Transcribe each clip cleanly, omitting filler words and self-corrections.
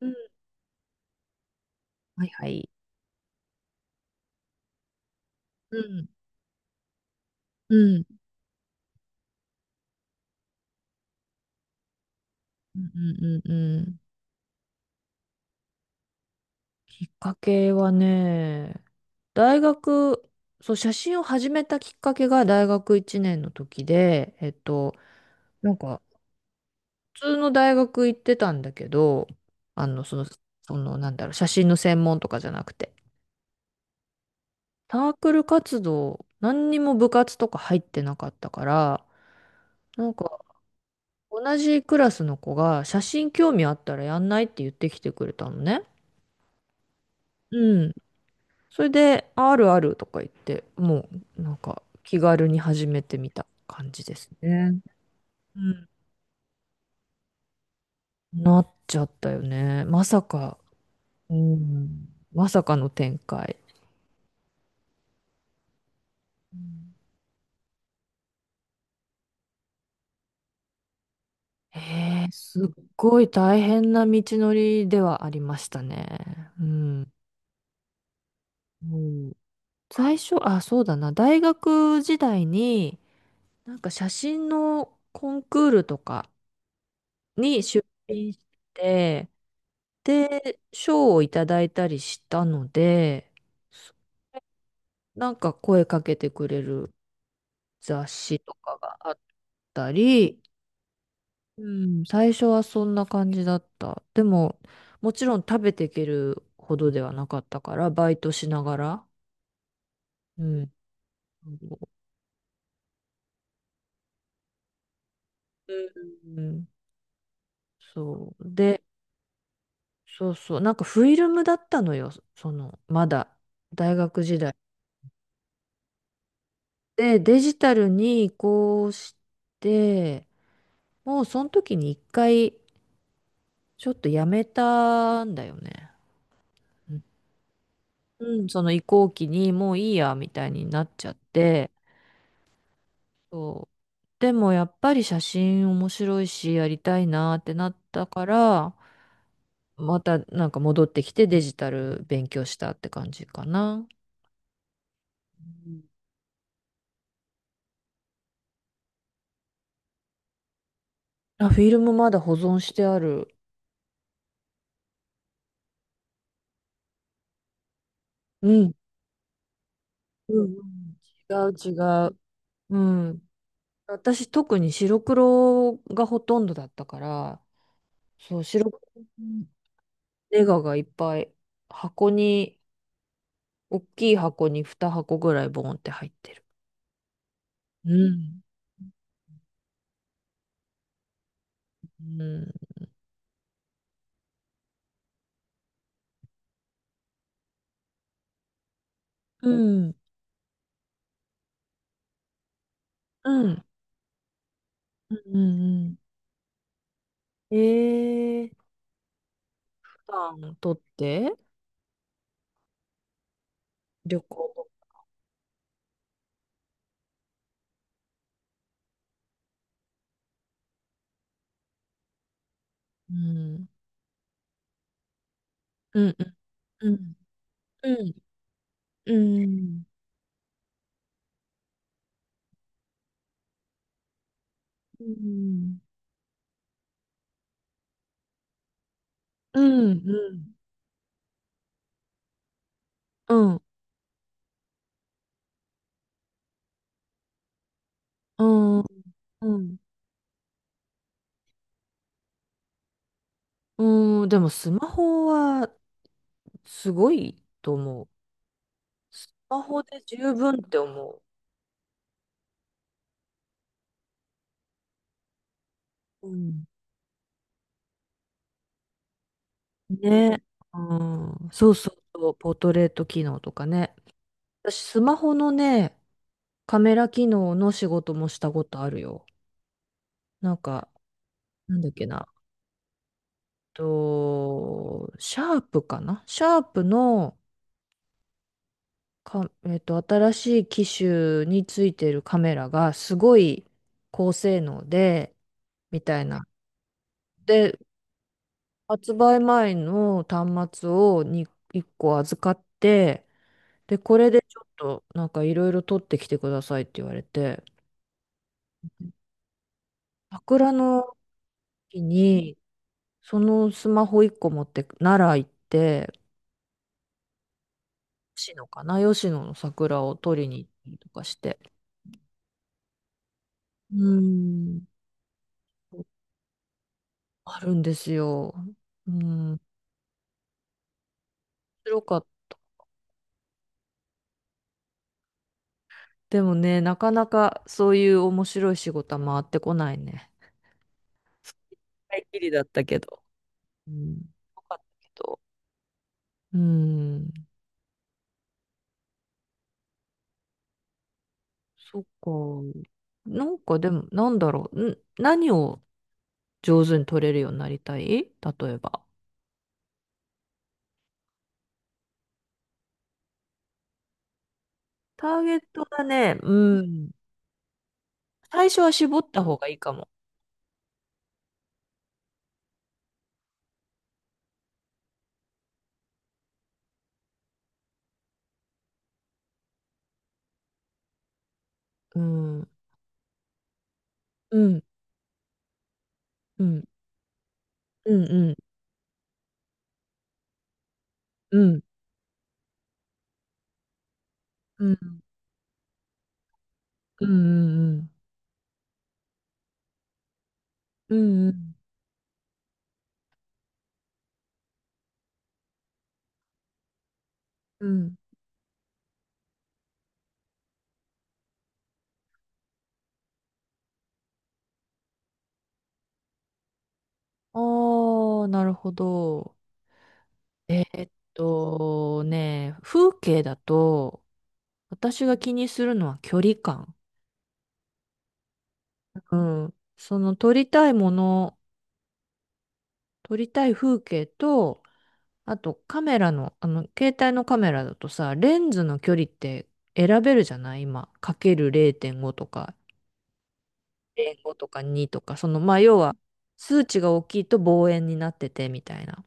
うん、はいはい。うん、うん、うんうんうんうん。きっかけはね、大学、そう、写真を始めたきっかけが大学1年の時で、なんか、普通の大学行ってたんだけど、あの、その、なんだろう、写真の専門とかじゃなくて、サークル活動、何にも部活とか入ってなかったから、なんか、同じクラスの子が写真興味あったらやんないって言ってきてくれたのね。うん。それで、ああるあるとか言って、もうなんか気軽に始めてみた感じですね。うん。なっちゃったよね。まさか、うん。まさかの展開。うん。すっごい大変な道のりではありましたね。うん。うん。最初、あ、そうだな。大学時代に、なんか写真のコンクールとかに出品して、で、賞をいただいたりしたので、そなんか声かけてくれる雑誌とかがあったり、うん、最初はそんな感じだった。でも、もちろん食べていけるほどではなかったから、バイトしながら。うん。うん、そう。で、そうそう。なんかフィルムだったのよ。まだ、大学時代。で、デジタルに移行して、もうその時に一回ちょっとやめたんだよね。うん。うん、その移行期にもういいやみたいになっちゃって、そう。でもやっぱり写真面白いしやりたいなってなったから、またなんか戻ってきてデジタル勉強したって感じかな。うん。あ、フィルムまだ保存してある。うん。うんうん。違う違う。うん。私特に白黒がほとんどだったから、そう、白黒のネガがいっぱい箱に、大きい箱に2箱ぐらいボンって入ってる。うん。うん。うん。うん。うん。うん。えー、普段ン取って旅行。うん。うん。うん。うん。うん。うん。うん。うん。うん。うん。うん。うん。でもスマホはすごいと思う。スマホで十分って思う。うん。ね。うん、そうそうそう、ポートレート機能とかね。私、スマホのね、カメラ機能の仕事もしたことあるよ。なんか、なんだっけな。シャープかなシャープのか、新しい機種についてるカメラがすごい高性能で、みたいな。で、発売前の端末に1個預かって、で、これでちょっとなんかいろいろ取ってきてくださいって言われて、桜の木にそのスマホ1個持って奈良行って、吉野かな、吉野の桜を取りに行ったりとかして。うん、あるんですよ。うん、面白かった。でもね、なかなかそういう面白い仕事は回ってこないね。一回きりだったけど。うん、よかったけど。うん、そっか。なんかでも、なんだろう。何を上手に取れるようになりたい例えば。ターゲットがね、うん。最初は絞った方がいいかも。うん。うん。うん。うん。うん。うん。うん。うん。うん。うん。うん。ああー、なるほど。風景だと、私が気にするのは距離感。うん。その撮りたい風景と、あとカメラの、携帯のカメラだとさ、レンズの距離って選べるじゃない今、かける0.5とか、0.5とか2とか、まあ、要は、数値が大きいと望遠になってて、みたいな。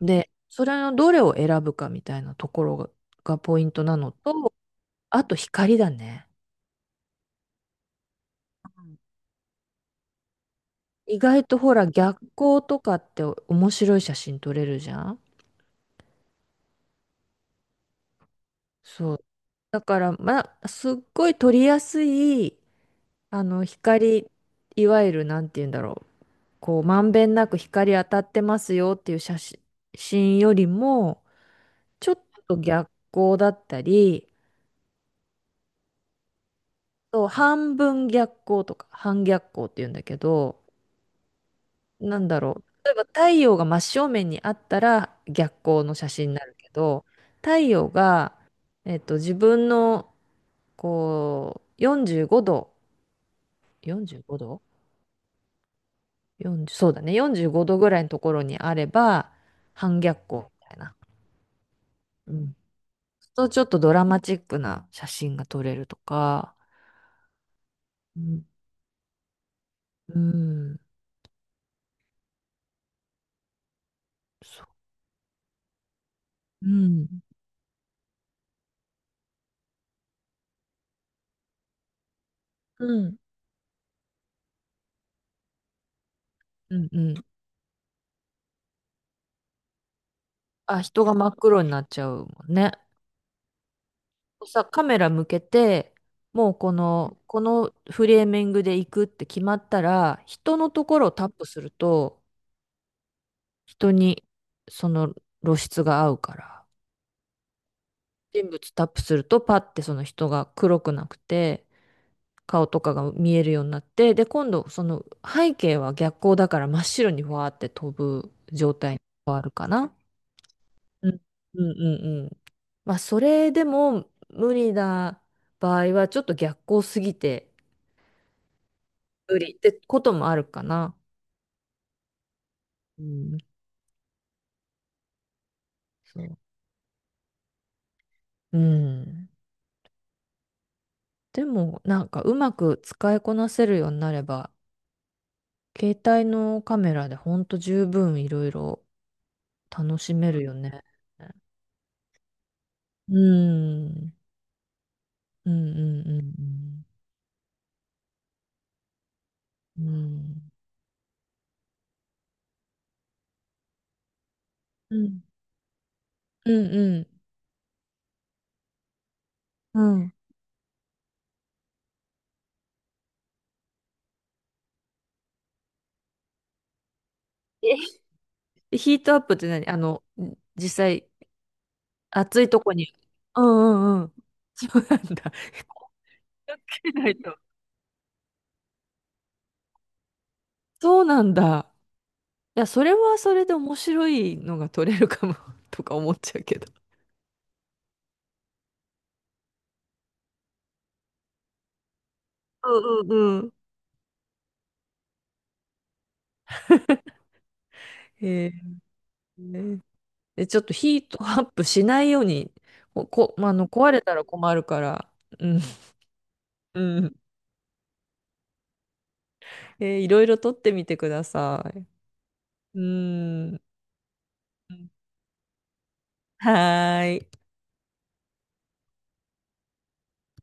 で、それのどれを選ぶかみたいなところがポイントなのと、あと光だね。意外とほら、逆光とかって面白い写真撮れるじゃん。そう。だから、まあ、すっごい撮りやすい光、いわゆる、なんて言うんだろう。こう、まんべんなく光当たってますよっていう写真よりも、ちょっと逆光だったり、半分逆光とか、半逆光って言うんだけど、なんだろう。例えば太陽が真正面にあったら逆光の写真になるけど、太陽が、自分の、こう、45度、45度40、そうだね。45度ぐらいのところにあれば、反逆光みたいな。うん。そうするとちょっとドラマチックな写真が撮れるとか、うん。うん。そう。うん。うん。うんうん。あ、人が真っ黒になっちゃうもんね。カメラ向けて、もうこのフレーミングで行くって決まったら、人のところをタップすると、人にその露出が合うから。人物タップするとパッてその人が黒くなくて顔とかが見えるようになって、で、今度その背景は逆光だから真っ白にわーって飛ぶ状態に変わるかな。うんうんうんうん。まあそれでも無理な場合はちょっと逆光すぎて無理ってこともあるかな。うん、そう。うん。でもなんかうまく使いこなせるようになれば携帯のカメラでほんと十分いろいろ楽しめるよね。うん。うんうんうんうん。うん。うんうんうん。え、ヒートアップって何、実際、暑いとこに。うんうんうん。そうなんだ。しないと。そうなんだ。いや、それはそれで面白いのが取れるかも とか思っちゃうけど。うんうんうん。へえ。で、ちょっとヒートアップしないように、まあ壊れたら困るから。うん。うん。いろいろ撮ってみてください。うーん。はーい。